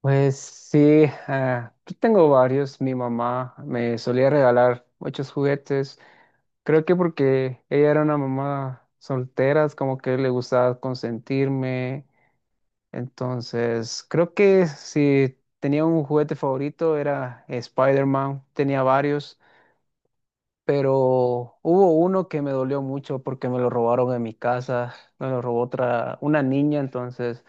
Pues sí, yo tengo varios. Mi mamá me solía regalar muchos juguetes. Creo que porque ella era una mamá soltera, es como que le gustaba consentirme. Entonces, creo que si tenía un juguete favorito era Spider-Man, tenía varios, pero hubo uno que me dolió mucho porque me lo robaron en mi casa, me lo robó otra, una niña, entonces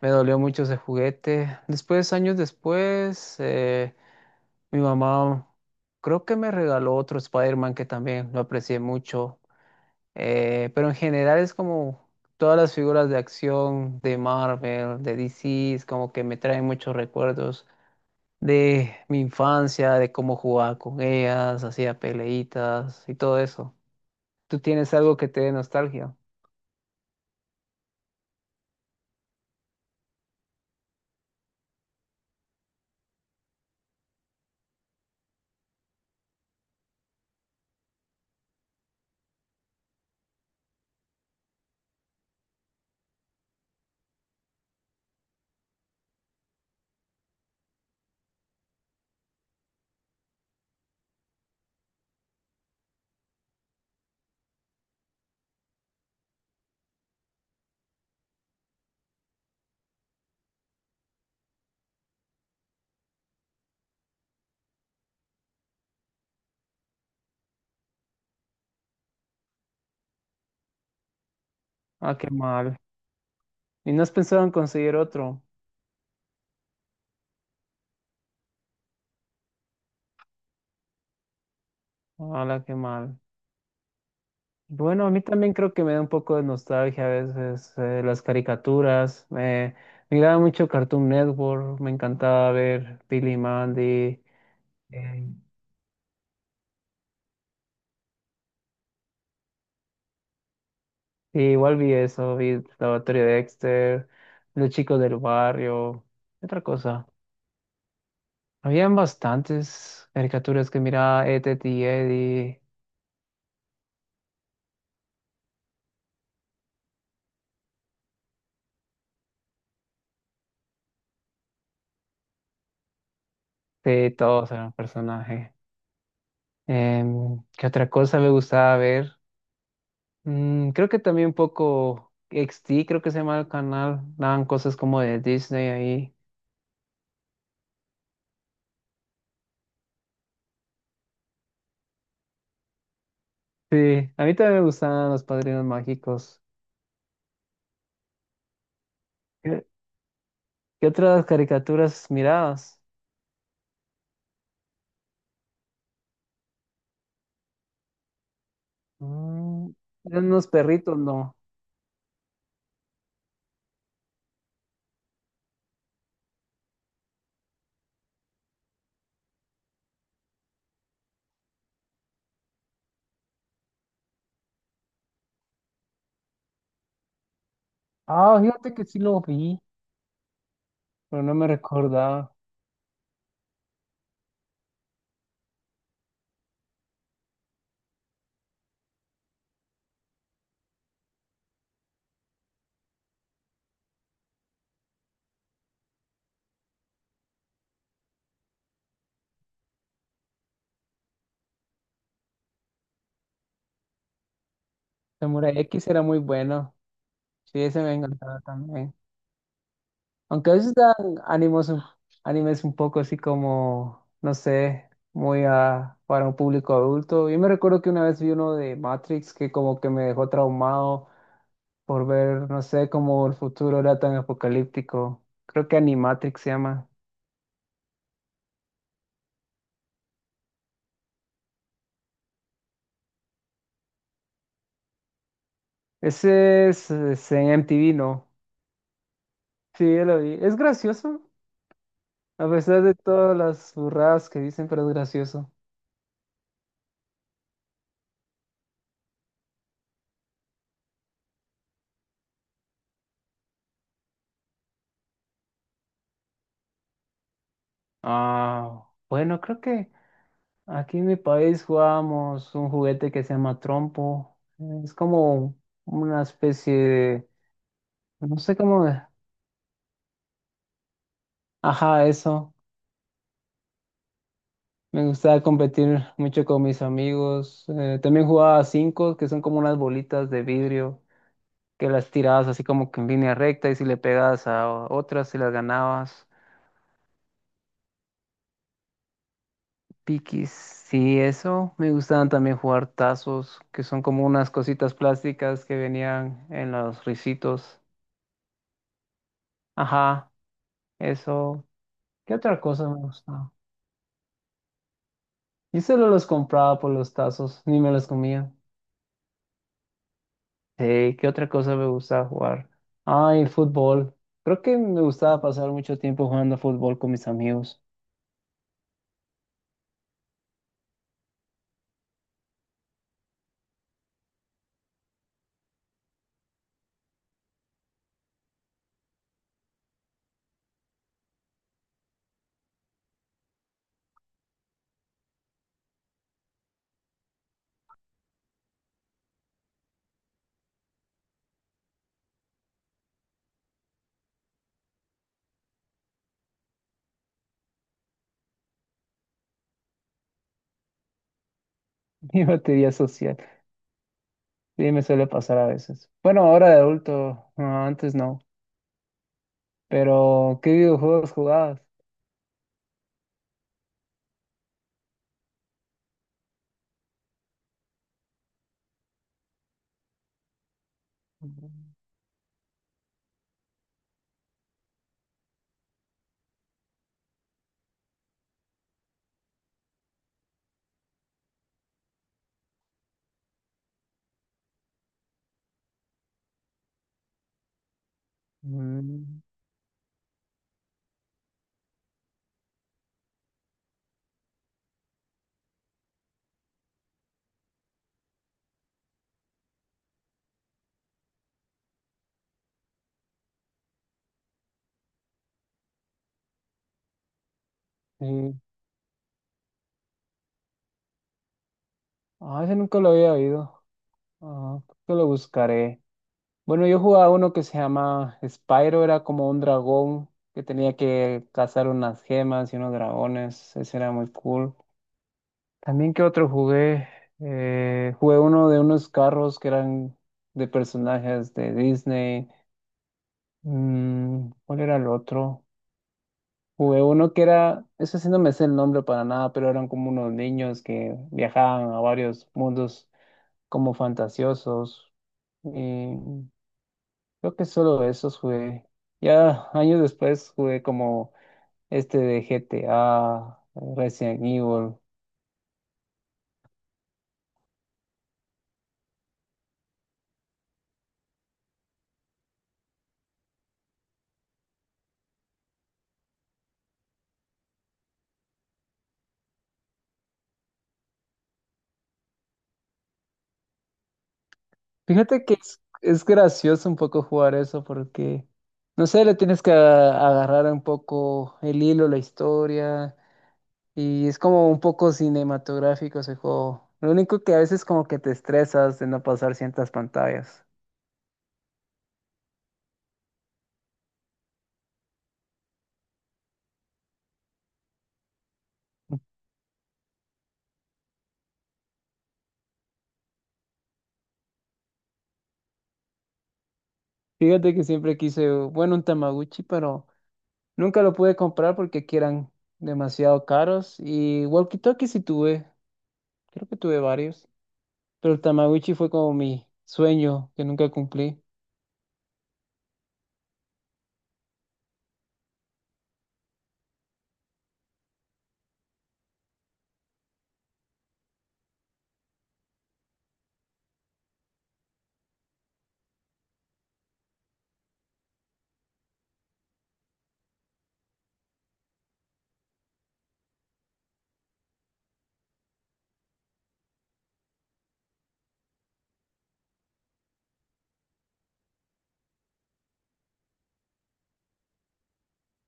me dolió mucho ese juguete. Después, años después, mi mamá creo que me regaló otro Spider-Man que también lo aprecié mucho. Pero en general es como todas las figuras de acción de Marvel, de DC, es como que me traen muchos recuerdos de mi infancia, de cómo jugaba con ellas, hacía peleitas y todo eso. ¿Tú tienes algo que te dé nostalgia? Ah, qué mal. ¿Y no has pensado en conseguir otro? Ah, qué mal. Bueno, a mí también creo que me da un poco de nostalgia a veces las caricaturas. Me miraba mucho Cartoon Network, me encantaba ver Billy y Mandy. eh, y igual vi eso, vi Laboratorio de Dexter, Los Chicos del Barrio, ¿qué otra cosa? Habían bastantes caricaturas que miraba, Ed, Edd y Eddie, de todos eran personajes. ¿Qué otra cosa me gustaba ver? Mm, creo que también un poco XT, creo que se llama el canal. Daban cosas como de Disney ahí. Sí, a mí también me gustaban los Padrinos Mágicos. ¿Qué, qué otras caricaturas mirabas? Mm, ¿eran unos perritos, no? Ah, fíjate que sí lo vi, pero no me recordaba. Samurai X era muy bueno. Sí, ese me encantaba también. Aunque a veces dan ánimos, un- animes un poco así como, no sé, muy para un público adulto. Yo me recuerdo que una vez vi uno de Matrix que como que me dejó traumado por ver, no sé, cómo el futuro era tan apocalíptico. Creo que Animatrix se llama. Ese es en MTV, ¿no? Sí, ya lo vi. Es gracioso, a pesar de todas las burradas que dicen, pero es gracioso. Ah, bueno, creo que... Aquí en mi país jugábamos un juguete que se llama trompo. Es como una especie de, no sé cómo, de- ajá, eso. Me gustaba competir mucho con mis amigos. También jugaba a cinco, que son como unas bolitas de vidrio que las tirabas así como que en línea recta y si le pegabas a otras, si las ganabas. Piquis, sí, eso. Me gustaban también jugar tazos, que son como unas cositas plásticas que venían en los risitos. Ajá. Eso. ¿Qué otra cosa me gustaba? Yo solo los compraba por los tazos, ni me los comía. Sí, ¿qué otra cosa me gustaba jugar? Ay, fútbol. Creo que me gustaba pasar mucho tiempo jugando fútbol con mis amigos. Mi batería social. Sí, me suele pasar a veces. Bueno, ahora de adulto, no, antes no. Pero, ¿qué videojuegos jugabas? Mm, mm, sí. Ah, ese nunca lo había oído. Ah, creo que lo buscaré. Bueno, yo jugaba uno que se llama Spyro, era como un dragón que tenía que cazar unas gemas y unos dragones, ese era muy cool. También que otro jugué, jugué uno de unos carros que eran de personajes de Disney. Mm, ¿cuál era el otro? Jugué uno que era, eso sí no me sé el nombre para nada, pero eran como unos niños que viajaban a varios mundos como fantasiosos. Creo que solo esos jugué. Ya años después jugué como este de GTA, Resident Evil. Fíjate que es gracioso un poco jugar eso porque, no sé, le tienes que agarrar un poco el hilo, la historia, y es como un poco cinematográfico ese juego. Lo único que a veces como que te estresas de no pasar ciertas pantallas. Fíjate que siempre quise, bueno, un Tamaguchi, pero... Nunca lo pude comprar porque aquí eran demasiado caros. Y walkie-talkie sí tuve, creo que tuve varios. Pero el Tamagotchi fue como mi sueño que nunca cumplí.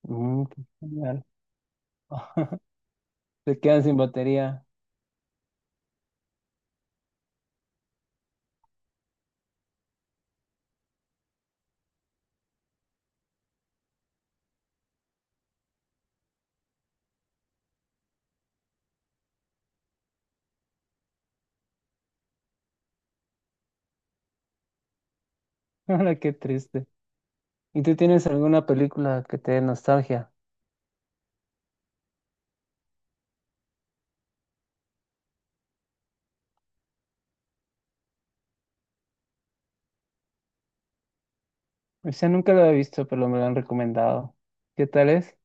Mm, qué genial. Se quedan sin batería. Ahora qué triste. ¿Y tú tienes alguna película que te dé nostalgia? O sea, nunca lo he visto, pero me lo han recomendado. ¿Qué tal es?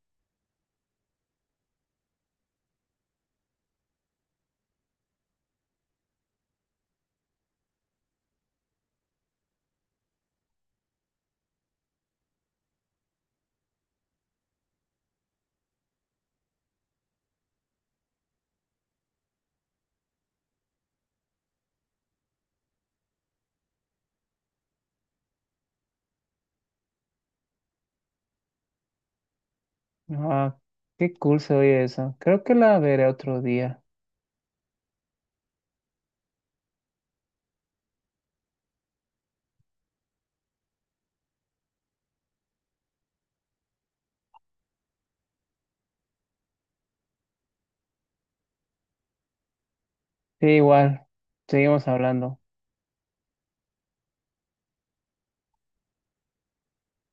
Ah, qué cool se oye eso. Creo que la veré otro día. Sí, igual. Seguimos hablando.